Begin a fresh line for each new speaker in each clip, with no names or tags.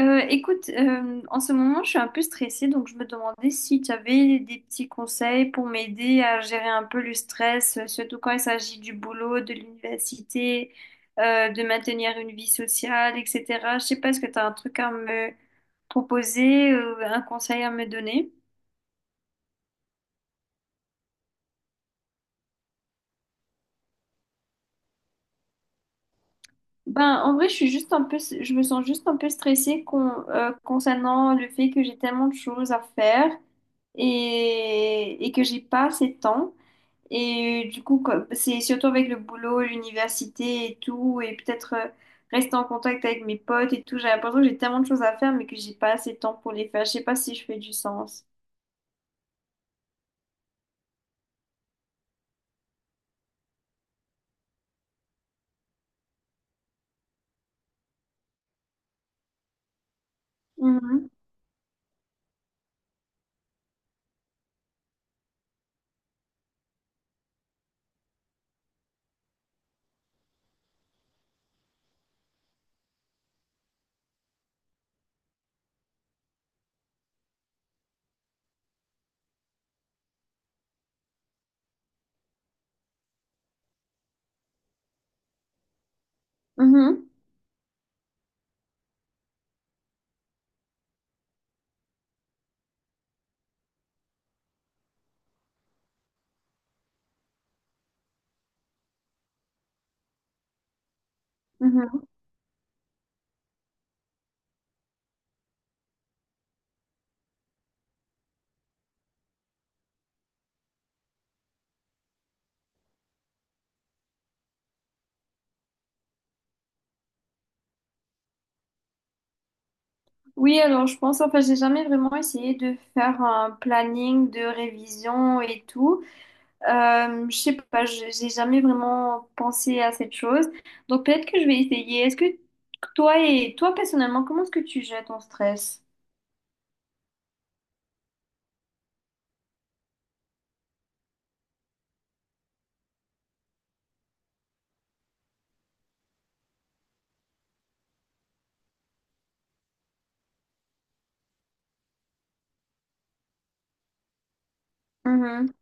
Écoute, en ce moment, je suis un peu stressée, donc je me demandais si tu avais des petits conseils pour m'aider à gérer un peu le stress, surtout quand il s'agit du boulot, de l'université, de maintenir une vie sociale, etc. Je sais pas, est-ce que tu as un truc à me proposer, un conseil à me donner? Ben, en vrai, je suis juste un peu, je me sens juste un peu stressée concernant le fait que j'ai tellement de choses à faire et que j'ai pas assez de temps. Et du coup, c'est surtout avec le boulot, l'université et tout, et peut-être rester en contact avec mes potes et tout. J'ai l'impression que j'ai tellement de choses à faire, mais que j'ai pas assez de temps pour les faire. Je sais pas si je fais du sens. Mhm, mhm, mhm. Oui, alors je pense, enfin, j'ai jamais vraiment essayé de faire un planning de révision et tout. Je sais pas, j'ai jamais vraiment pensé à cette chose. Donc peut-être que je vais essayer. Est-ce que toi personnellement, comment est-ce que tu gères ton stress? Mhm.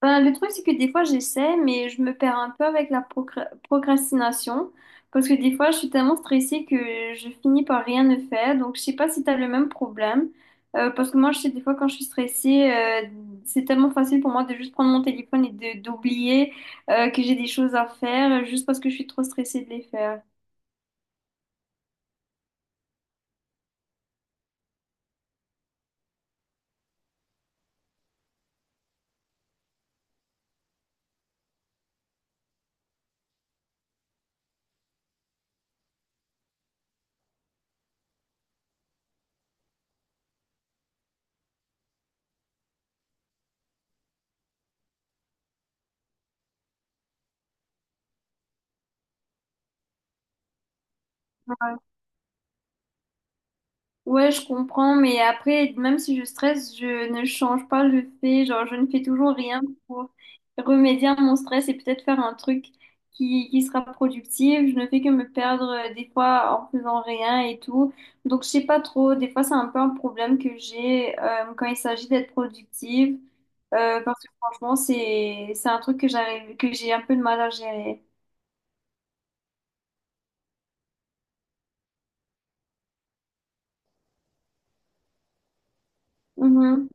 Ben, le truc, c'est que des fois, j'essaie, mais je me perds un peu avec la procrastination. Parce que des fois, je suis tellement stressée que je finis par rien ne faire. Donc, je sais pas si tu as le même problème. Parce que moi, je sais, des fois, quand je suis stressée, c'est tellement facile pour moi de juste prendre mon téléphone et de d'oublier que j'ai des choses à faire, juste parce que je suis trop stressée de les faire. Ouais, je comprends, mais après, même si je stresse, je ne change pas le fait, genre, je ne fais toujours rien pour remédier à mon stress et peut-être faire un truc qui sera productif. Je ne fais que me perdre des fois en faisant rien et tout. Donc, je sais pas trop, des fois, c'est un peu un problème que j'ai quand il s'agit d'être productive, parce que franchement, c'est un truc que j'arrive, que j'ai un peu de mal à gérer. Mhm.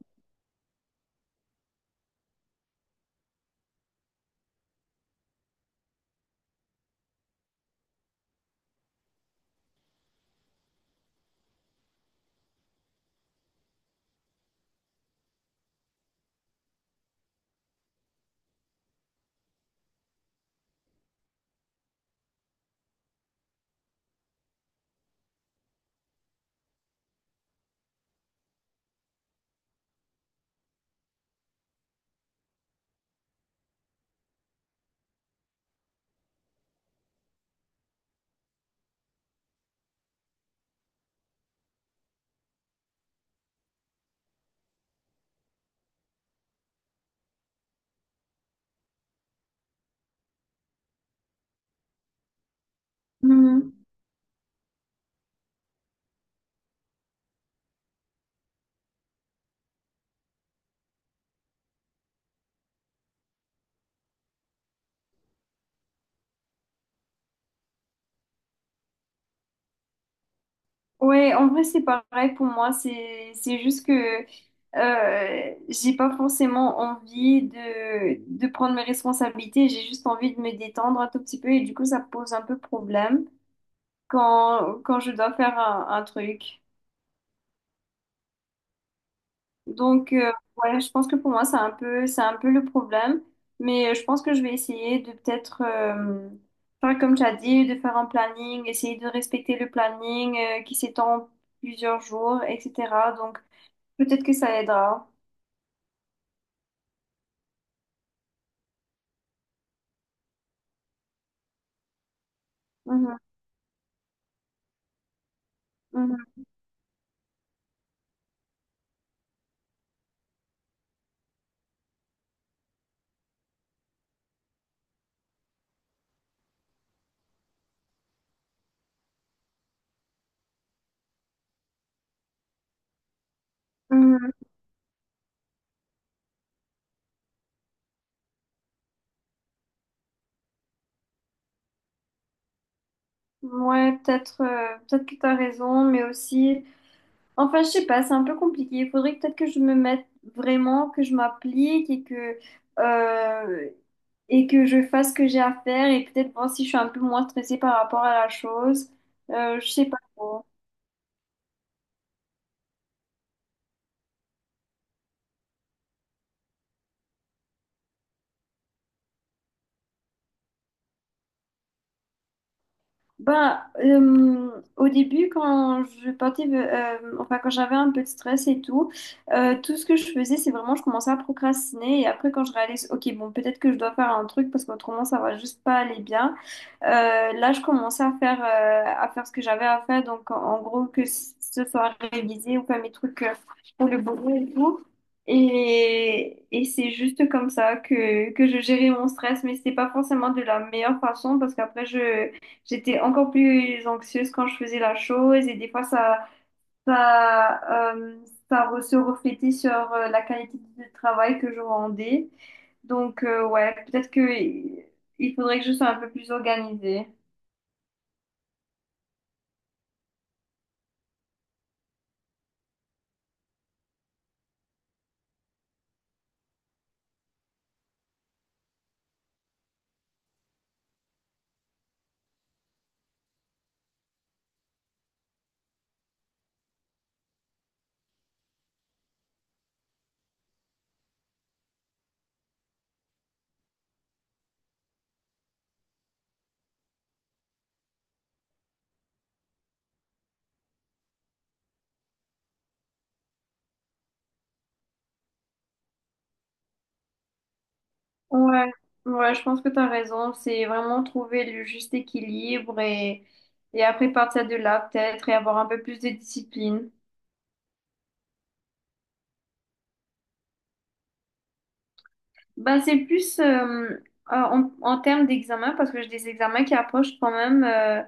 Mhm. Ouais, en vrai, c'est pareil pour moi. C'est juste que j'ai pas forcément envie de prendre mes responsabilités. J'ai juste envie de me détendre un tout petit peu et du coup, ça pose un peu problème quand, quand je dois faire un truc. Donc, ouais, je pense que pour moi, c'est un peu le problème. Mais je pense que je vais essayer de peut-être faire comme tu as dit, de faire un planning, essayer de respecter le planning qui s'étend plusieurs jours, etc. Donc, peut-être que ça aidera. Mhm, mhm, mhm. Ouais, peut-être que tu as raison, mais aussi. Enfin, je sais pas, c'est un peu compliqué. Peut-être que je me mette vraiment, que je m'applique euh, et que je fasse ce que j'ai à faire et peut-être voir si je suis un peu moins stressée par rapport à la chose. Je sais pas trop. Ben, au début, quand je partais, enfin, quand j'avais un peu de stress et tout, tout ce que je faisais, c'est vraiment, je commençais à procrastiner et après, quand je réalise, ok, bon, peut-être que je dois faire un truc parce qu'autrement, ça va juste pas aller bien. Là, je commençais à faire ce que j'avais à faire. Donc, en gros, que ce soit révisé ou faire mes trucs pour le boulot et tout. Et c'est juste comme ça que je gérais mon stress. Mais c'était pas forcément de la meilleure façon parce qu'après, j'étais encore plus anxieuse quand je faisais la chose. Et des fois, ça, euh, se reflétait sur la qualité du travail que je rendais. Donc, ouais, peut-être que il faudrait que je sois un peu plus organisée. Ouais, ouais, je pense que tu as raison. C'est vraiment trouver le juste équilibre et après partir de là, peut-être, et avoir un peu plus de discipline. Ben, c'est plus en termes d'examen, parce que j'ai des examens qui approchent quand même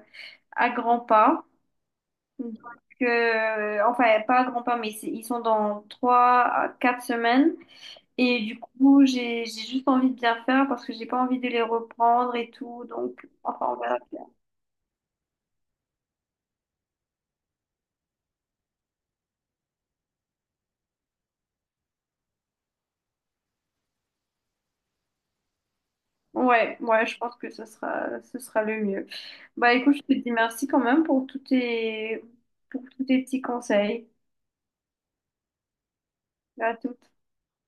à grands pas. Donc, enfin, pas à grands pas, mais ils sont dans 3 à 4 semaines. Et du coup, j'ai juste envie de bien faire parce que j'ai pas envie de les reprendre et tout. Donc, enfin, on verra. Ouais, ouais, je pense que ce sera le mieux. Bah écoute, je te dis merci quand même pour tous tes petits conseils. À toutes.